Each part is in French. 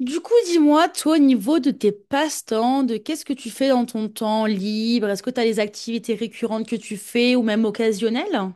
Du coup, dis-moi, toi, au niveau de tes passe-temps, de qu'est-ce que tu fais dans ton temps libre? Est-ce que tu as des activités récurrentes que tu fais ou même occasionnelles?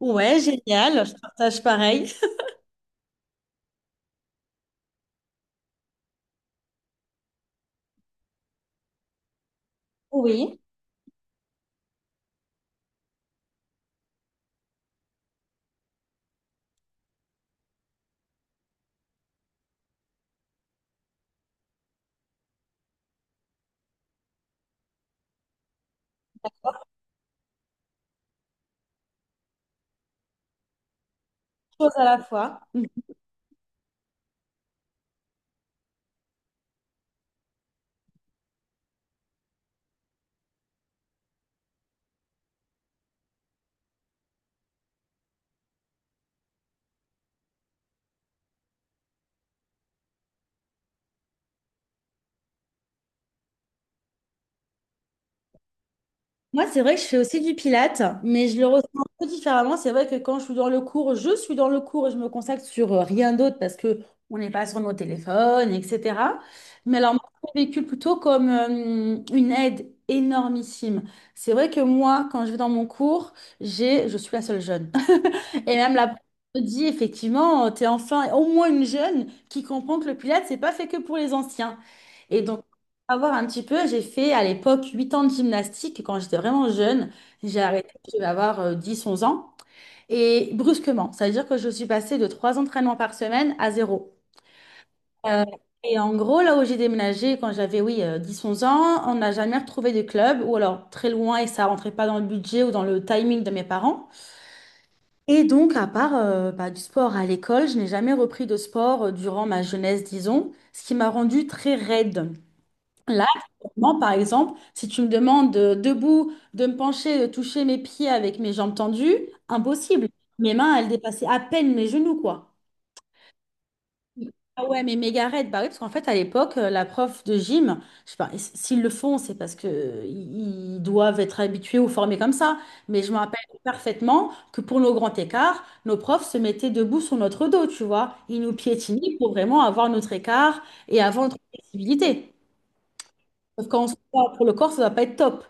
Ouais, génial, je partage pareil. Oui, chose à la fois. Moi, c'est vrai que je fais aussi du pilates, mais je le ressens un peu différemment. C'est vrai que quand je suis dans le cours, je suis dans le cours et je me consacre sur rien d'autre, parce que on n'est pas sur nos téléphones, etc. Mais alors, moi, je l'ai vécu plutôt comme une aide énormissime. C'est vrai que moi, quand je vais dans mon cours, je suis la seule jeune. Et même la prof te dit, effectivement, tu es enfin au moins une jeune qui comprend que le Pilates, c'est pas fait que pour les anciens. Et donc, pour avoir un petit peu, j'ai fait à l'époque 8 ans de gymnastique quand j'étais vraiment jeune. J'ai arrêté, je vais avoir 10-11 ans. Et brusquement, ça veut dire que je suis passée de 3 entraînements par semaine à zéro. Euh, et en gros, là où j'ai déménagé quand j'avais, oui, 10-11 ans, on n'a jamais retrouvé de club, ou alors très loin, et ça rentrait pas dans le budget ou dans le timing de mes parents. Et donc, à part bah, du sport à l'école, je n'ai jamais repris de sport durant ma jeunesse, disons, ce qui m'a rendue très raide. Là, actuellement, par exemple, si tu me demandes de, debout, de me pencher, de toucher mes pieds avec mes jambes tendues, impossible. Mes mains, elles dépassaient à peine mes genoux, quoi. Ah ouais, mais Megared, bah oui, parce qu'en fait, à l'époque, la prof de gym, je sais pas, s'ils le font, c'est parce que ils doivent être habitués ou formés comme ça. Mais je me rappelle parfaitement que pour nos grands écarts, nos profs se mettaient debout sur notre dos, tu vois. Ils nous piétinaient pour vraiment avoir notre écart et avoir notre flexibilité. Sauf quand on se bat pour le corps, ça ne va pas être top.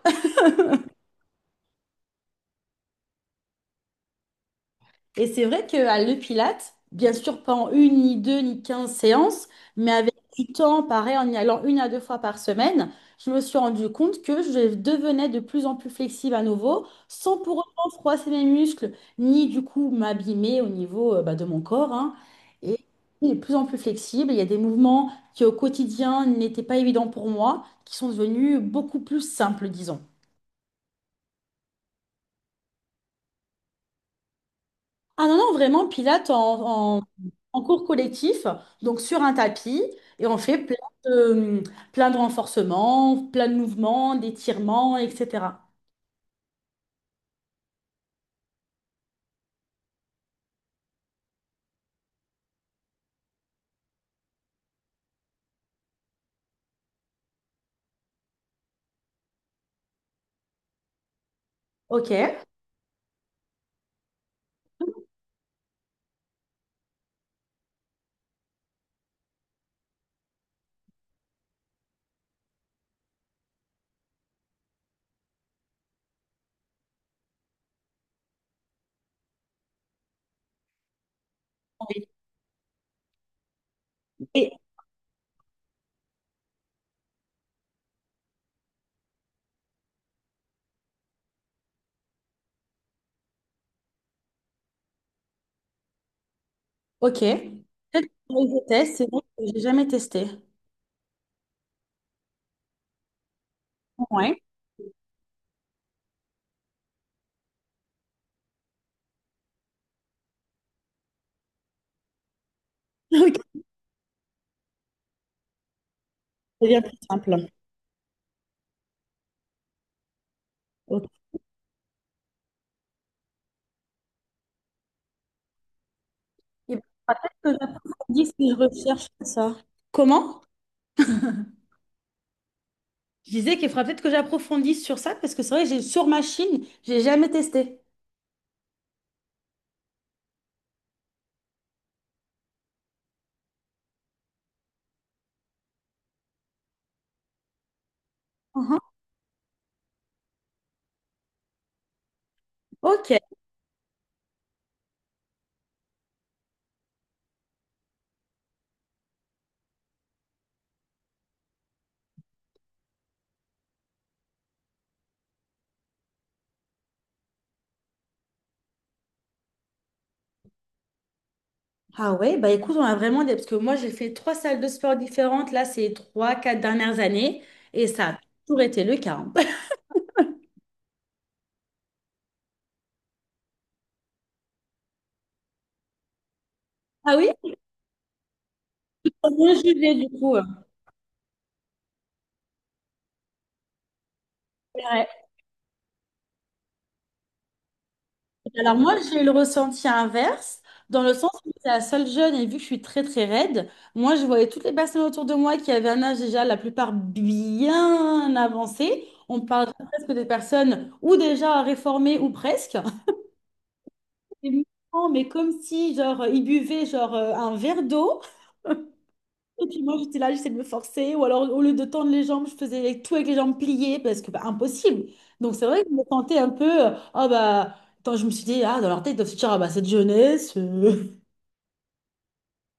Et c'est vrai qu'à le Pilate, bien sûr, pas en une, ni deux, ni 15 séances, mais avec du temps, pareil, en y allant une à deux fois par semaine, je me suis rendu compte que je devenais de plus en plus flexible à nouveau, sans pour autant froisser mes muscles, ni du coup m'abîmer au niveau bah, de mon corps, hein. Et je suis de plus en plus flexible. Il y a des mouvements qui au quotidien n'étaient pas évidents pour moi, qui sont devenus beaucoup plus simples, disons. Ah non, non, vraiment, pilates en cours collectif, donc sur un tapis, et on fait de, plein de renforcements, plein de mouvements, d'étirements, etc. Ok. Et, ok. Peut-être que je teste, c'est vrai que j'ai jamais testé. Ouais. Ok, c'est bien plus simple. Ok. Et ben, peut-être que j'approfondisse mes recherches sur ça. Comment? Je disais qu'il faudra peut-être que j'approfondisse sur ça, parce que c'est vrai que j'ai sur machine, j'ai jamais testé. Uhum. Ok. Ah ouais, bah écoute, on a vraiment des. Parce que moi, j'ai fait trois salles de sport différentes, là, ces 3, 4 dernières années, et ça a toujours été le cas, hein. Ah oui? Faut bien jugé, du coup. Ouais. Alors moi, j'ai eu le ressenti inverse, dans le sens où j'étais la seule jeune, et vu que je suis très, très raide, moi, je voyais toutes les personnes autour de moi qui avaient un âge déjà, la plupart bien avancé. On parle presque des personnes ou déjà réformées ou presque. Des mouvements, mais comme si, genre, ils buvaient, genre, un verre d'eau. Et puis moi, j'étais là, j'essayais de me forcer. Ou alors, au lieu de tendre les jambes, je faisais tout avec les jambes pliées parce que, bah, impossible. Donc, c'est vrai que je me sentais un peu, ah, bah. Attends, je me suis dit, ah, dans leur tête, ils doivent se dire, ah, bah, cette jeunesse.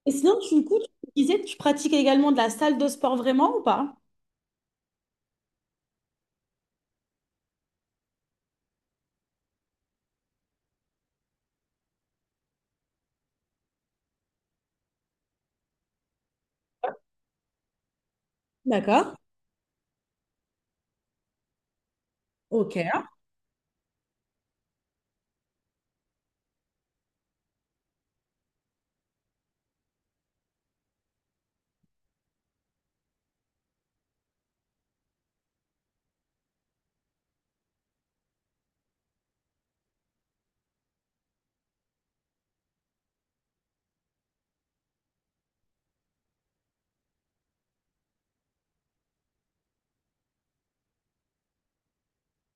Et sinon, du coup, tu disais que tu pratiques également de la salle de sport vraiment ou pas? D'accord. Ok.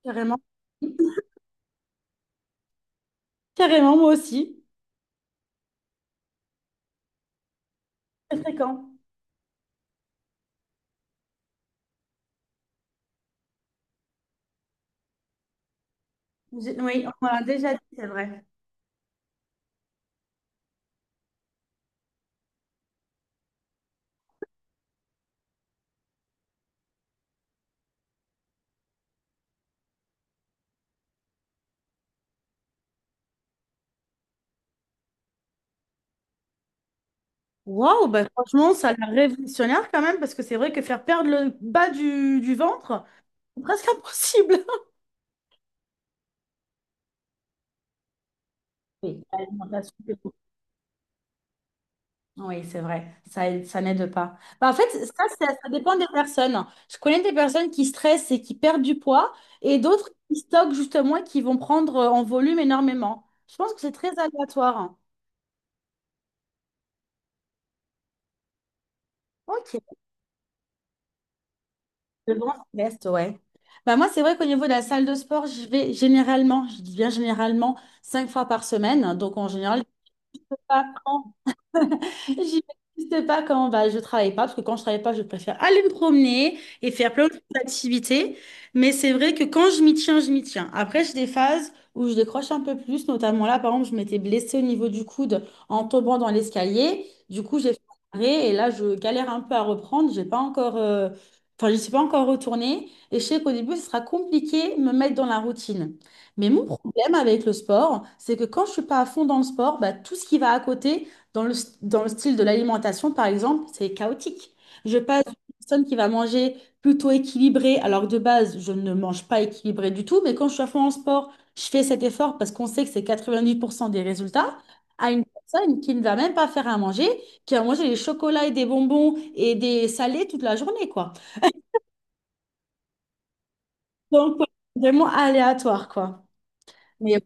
Carrément. Carrément, moi aussi. Très fréquent. Oui, on m'a déjà dit, c'est vrai. Waouh, bah, franchement, ça a l'air révolutionnaire quand même, parce que c'est vrai que faire perdre le bas du ventre, c'est presque impossible. Oui, l'alimentation, c'est tout. Oui, c'est vrai, ça n'aide pas. Bah, en fait, ça dépend des personnes. Je connais des personnes qui stressent et qui perdent du poids, et d'autres qui stockent justement et qui vont prendre en volume énormément. Je pense que c'est très aléatoire, hein. Ok, le grand reste, ouais. Bah, moi, c'est vrai qu'au niveau de la salle de sport, je vais généralement, je dis bien généralement, cinq fois par semaine. Donc, en général, j'y vais pas quand bah, je travaille pas, parce que quand je travaille pas, je préfère aller me promener et faire plein d'autres activités. Mais c'est vrai que quand je m'y tiens, je m'y tiens. Après, j'ai des phases où je décroche un peu plus, notamment là, par exemple, je m'étais blessée au niveau du coude en tombant dans l'escalier. Du coup, j'ai fait un arrêt, et là, je galère un peu à reprendre. J'ai pas encore, enfin, je suis pas encore retournée. Et je sais qu'au début, ce sera compliqué de me mettre dans la routine. Mais mon problème avec le sport, c'est que quand je suis pas à fond dans le sport, bah, tout ce qui va à côté, dans le, dans le style de l'alimentation, par exemple, c'est chaotique. Je passe d'une personne qui va manger plutôt équilibré, alors que de base, je ne mange pas équilibré du tout, mais quand je suis à fond en sport, je fais cet effort parce qu'on sait que c'est 90% des résultats, à une personne qui ne va même pas faire à manger, qui va manger des chocolats et des bonbons et des salés toute la journée, quoi. Donc, ouais, vraiment aléatoire, quoi. Mais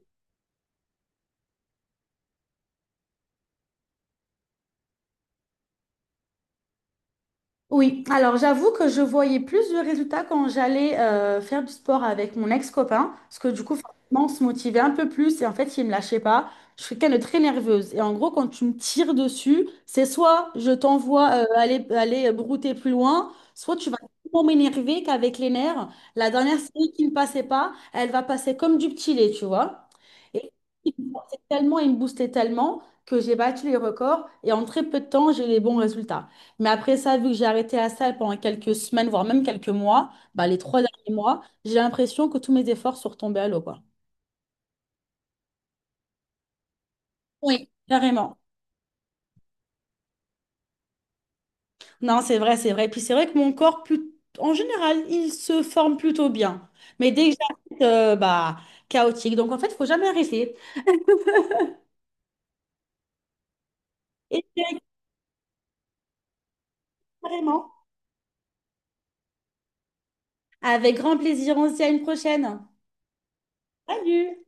Oui, alors j'avoue que je voyais plus de résultats quand j'allais faire du sport avec mon ex-copain, parce que du coup, forcément, on se motivait un peu plus et en fait, il me lâchait pas. Je suis quelqu'un de très nerveuse et en gros, quand tu me tires dessus, c'est soit je t'envoie aller, aller brouter plus loin, soit tu vas tellement m'énerver qu'avec les nerfs, la dernière série qui ne passait pas, elle va passer comme du petit lait, tu vois. Et il me forçait tellement, il me boostait tellement que j'ai battu les records et en très peu de temps, j'ai les bons résultats. Mais après ça, vu que j'ai arrêté la salle pendant quelques semaines, voire même quelques mois, bah, les 3 derniers mois, j'ai l'impression que tous mes efforts sont retombés à l'eau, quoi. Oui. Carrément. Non, c'est vrai, c'est vrai. Puis c'est vrai que mon corps, plus. En général, il se forme plutôt bien. Mais dès que j'arrête, bah, chaotique. Donc en fait, il faut jamais arrêter. Et carrément, avec grand plaisir, on se dit à une prochaine. Salut!